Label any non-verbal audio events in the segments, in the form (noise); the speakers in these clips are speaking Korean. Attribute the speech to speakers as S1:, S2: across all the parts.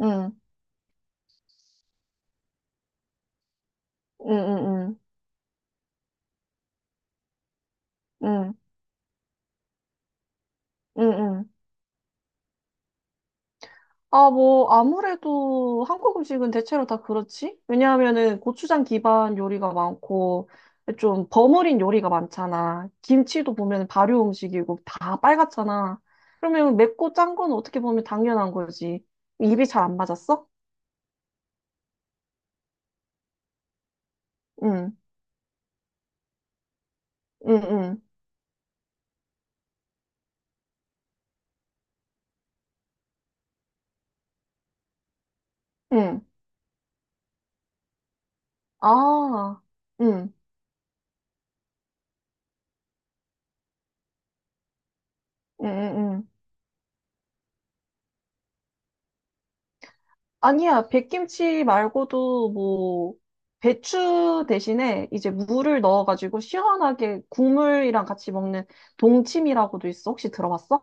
S1: 응, 응, 응, 응, 응, 응, 응. 아, 뭐, 아무래도 한국 음식은 대체로 다 그렇지? 왜냐하면은 고추장 기반 요리가 많고, 좀 버무린 요리가 많잖아. 김치도 보면 발효 음식이고, 다 빨갛잖아. 그러면 맵고 짠 건 어떻게 보면 당연한 거지. 입이 잘 안 맞았어? 응, 응, 응, 응. 아, 응, 응, 응, 응. 아니야, 백김치 말고도 뭐, 배추 대신에 이제 무를 넣어가지고 시원하게 국물이랑 같이 먹는 동치미라고도 있어. 혹시 들어봤어?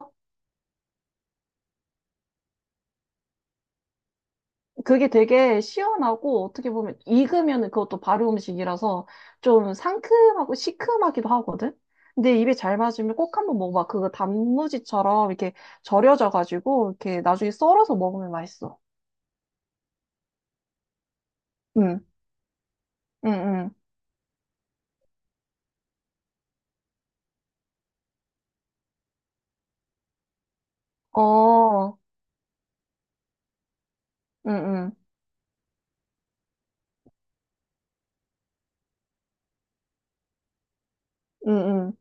S1: 그게 되게 시원하고 어떻게 보면 익으면 그것도 발효 음식이라서 좀 상큼하고 시큼하기도 하거든? 근데 입에 잘 맞으면 꼭 한번 먹어봐. 그거 단무지처럼 이렇게 절여져가지고 이렇게 나중에 썰어서 먹으면 맛있어. 응, 응, 응. 어, 응, 응, 응, 응.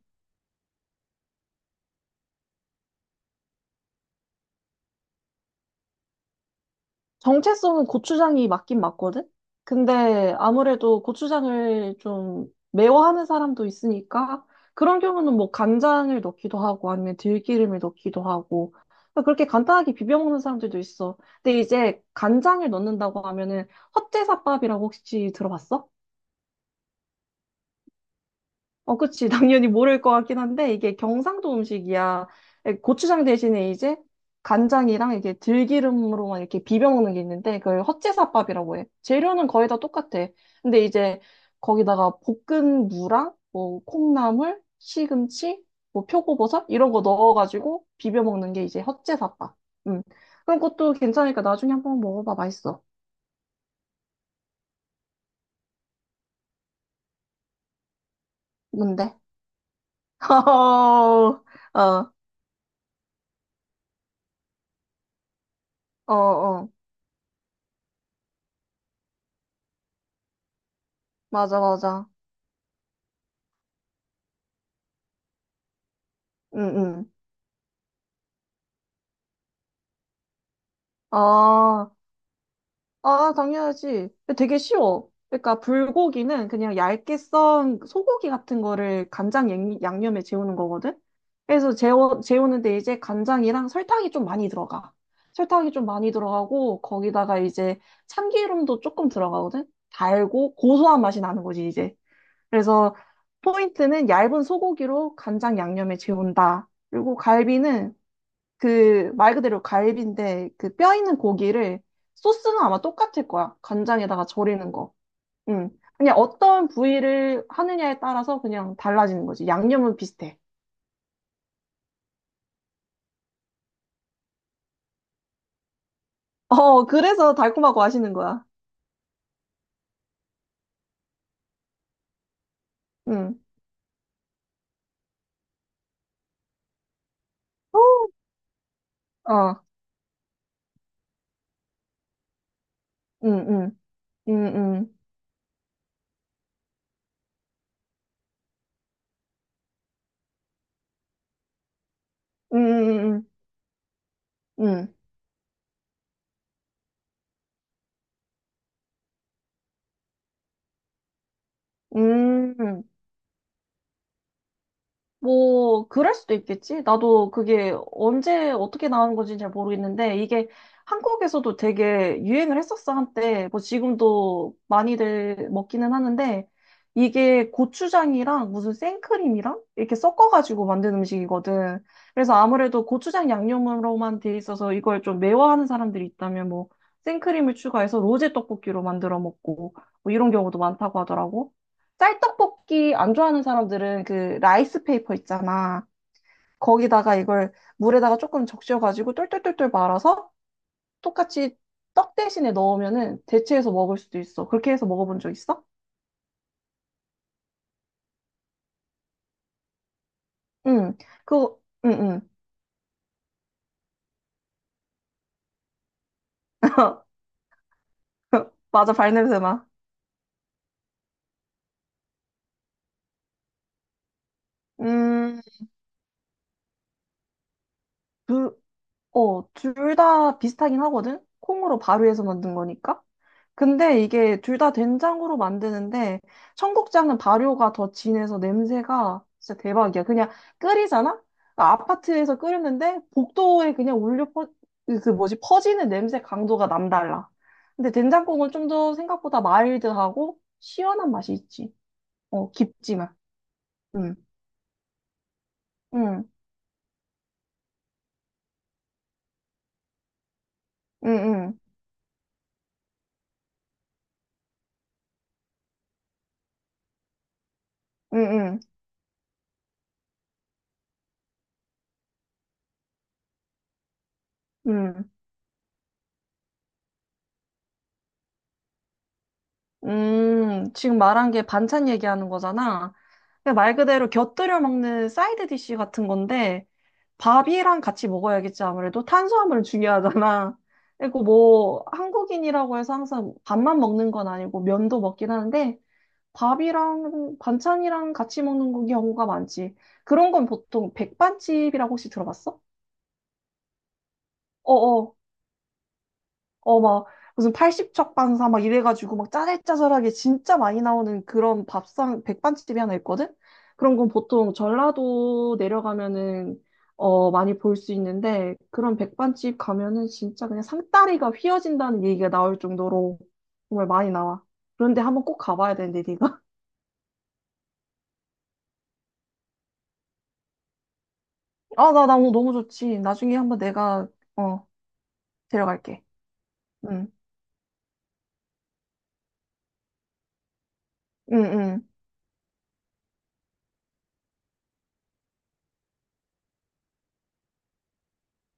S1: 정체성은 고추장이 맞긴 맞거든? 근데 아무래도 고추장을 좀 매워하는 사람도 있으니까 그런 경우는 뭐 간장을 넣기도 하고 아니면 들기름을 넣기도 하고 그러니까 그렇게 간단하게 비벼 먹는 사람들도 있어. 근데 이제 간장을 넣는다고 하면은 헛제사밥이라고 혹시 들어봤어? 어, 그치. (laughs) 당연히 모를 것 같긴 한데, 이게 경상도 음식이야. 예, 고추장 대신에 이제 간장이랑 이게 들기름으로만 이렇게 비벼 먹는 게 있는데, 그걸 헛제사밥이라고 해. 재료는 거의 다 똑같아. 근데 이제 거기다가 볶은 무랑, 뭐, 콩나물, 시금치, 뭐, 표고버섯, 이런 거 넣어가지고 비벼 먹는 게 이제 헛제사밥. 음, 그런 것도 괜찮으니까 나중에 한번 먹어봐. 맛있어. 뭔데? (laughs) 어, 어, 어, 맞아, 맞아. 응, 응. 아, 아, 당연하지. 되게 쉬워. 그러니까 불고기는 그냥 얇게 썬 소고기 같은 거를 간장 양념에 재우는 거거든. 그래서 재워, 재우는데 이제 간장이랑 설탕이 좀 많이 들어가. 설탕이 좀 많이 들어가고 거기다가 이제 참기름도 조금 들어가거든. 달고 고소한 맛이 나는 거지, 이제. 그래서 포인트는 얇은 소고기로 간장 양념에 재운다. 그리고 갈비는 그 말 그대로 갈비인데 그 뼈 있는 고기를 소스는 아마 똑같을 거야. 간장에다가 절이는 거. 응. 그냥 어떤 부위를 하느냐에 따라서 그냥 달라지는 거지. 양념은 비슷해. 어, 그래서 달콤하고 맛있는 거야. 응. 어, 응, 응, 응, 응, 응, 응, 응, 응, 응. 뭐, 그럴 수도 있겠지. 나도 그게 언제 어떻게 나온 건지 잘 모르겠는데, 이게 한국에서도 되게 유행을 했었어, 한때. 뭐, 지금도 많이들 먹기는 하는데, 이게 고추장이랑 무슨 생크림이랑 이렇게 섞어가지고 만든 음식이거든. 그래서 아무래도 고추장 양념으로만 돼 있어서 이걸 좀 매워하는 사람들이 있다면, 뭐, 생크림을 추가해서 로제 떡볶이로 만들어 먹고, 뭐 이런 경우도 많다고 하더라고. 쌀떡볶이 안 좋아하는 사람들은 그 라이스 페이퍼 있잖아. 거기다가 이걸 물에다가 조금 적셔가지고 똘똘똘똘 말아서 똑같이 떡 대신에 넣으면은 대체해서 먹을 수도 있어. 그렇게 해서 먹어본 적 있어? 응. 그거, 응, 응. (laughs) 맞아, 발냄새 나. 음, 그, 어, 둘 다 비슷하긴 하거든? 콩으로 발효해서 만든 거니까? 근데 이게 둘 다 된장으로 만드는데 청국장은 발효가 더 진해서 냄새가 진짜 대박이야. 그냥 끓이잖아? 그러니까 아파트에서 끓였는데 복도에 그냥 올려 그 뭐지 퍼지는 냄새 강도가 남달라. 근데 된장국은 좀 더 생각보다 마일드하고 시원한 맛이 있지. 어, 깊지만. 응, 응, 응, 응, 응, 응, 응. 지금 말한 게 반찬 얘기하는 거잖아. 그냥 말 그대로 곁들여 먹는 사이드 디쉬 같은 건데, 밥이랑 같이 먹어야겠지, 아무래도. 탄수화물 중요하잖아. (laughs) 그리고 뭐, 한국인이라고 해서 항상 밥만 먹는 건 아니고, 면도 먹긴 하는데, 밥이랑 반찬이랑 같이 먹는 경우가 많지. 그런 건 보통 백반집이라고 혹시 들어봤어? 어어. 어, 막, 무슨 80척 반사 막 이래가지고 막 짜잘짜잘하게 진짜 많이 나오는 그런 밥상, 백반집이 하나 있거든? 그런 건 보통 전라도 내려가면은, 어, 많이 볼 수 있는데, 그런 백반집 가면은 진짜 그냥 상다리가 휘어진다는 얘기가 나올 정도로 정말 많이 나와. 그런데 한번 꼭 가봐야 되는데, 네가. (laughs) 아, 나, 나 너무 너무 좋지. 나중에 한번 내가, 어, 데려갈게. 응, 응, 응,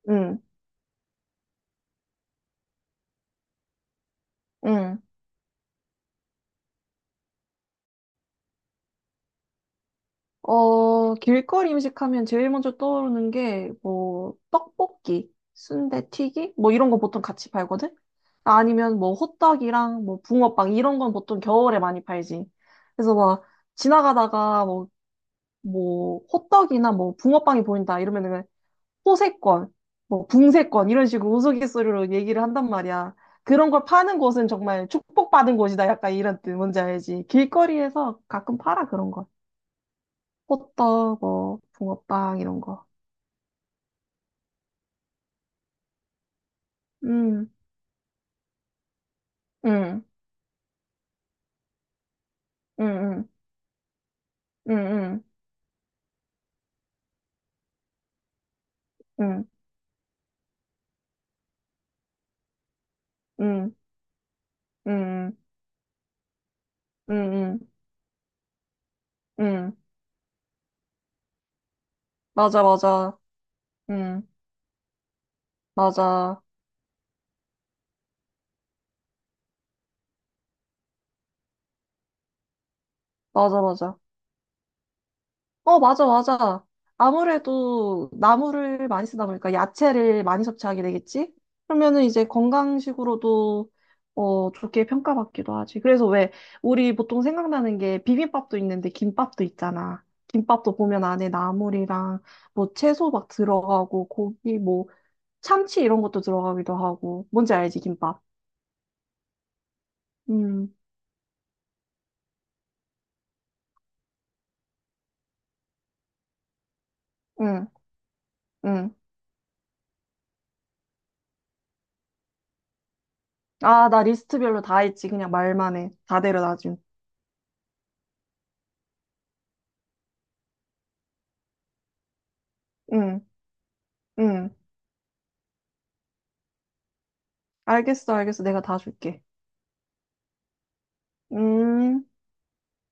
S1: 응, 응. 어, 길거리 음식 하면 제일 먼저 떠오르는 게, 뭐, 떡볶이, 순대튀기? 뭐 이런 거 보통 같이 팔거든? 아니면 뭐 호떡이랑 뭐 붕어빵 이런 건 보통 겨울에 많이 팔지. 그래서 막 지나가다가 뭐, 뭐 호떡이나 뭐 붕어빵이 보인다 이러면은 호세권, 뭐 붕세권 이런 식으로 우스갯소리로 얘기를 한단 말이야. 그런 걸 파는 곳은 정말 축복받은 곳이다. 약간 이런 뜻 뭔지 알지? 길거리에서 가끔 팔아 그런 걸. 호떡, 뭐, 붕어빵, 이런 거. 음, 응, 응, 응, 응, 응, 응, 응, 응, 응, 응, 응. 맞아, 맞아. 응, 맞아, 맞아, 맞아. 어, 맞아, 맞아. 아무래도 나물을 많이 쓰다 보니까 야채를 많이 섭취하게 되겠지? 그러면은 이제 건강식으로도 어, 좋게 평가받기도 하지. 그래서 왜 우리 보통 생각나는 게 비빔밥도 있는데 김밥도 있잖아. 김밥도 보면 안에 나물이랑 뭐 채소 막 들어가고 고기 뭐 참치 이런 것도 들어가기도 하고. 뭔지 알지, 김밥? 음, 응, 응. 아, 나 리스트별로 다 했지. 그냥 말만 해. 다 데려다 줌. 응, 응. 알겠어, 알겠어. 내가 다 줄게. 음.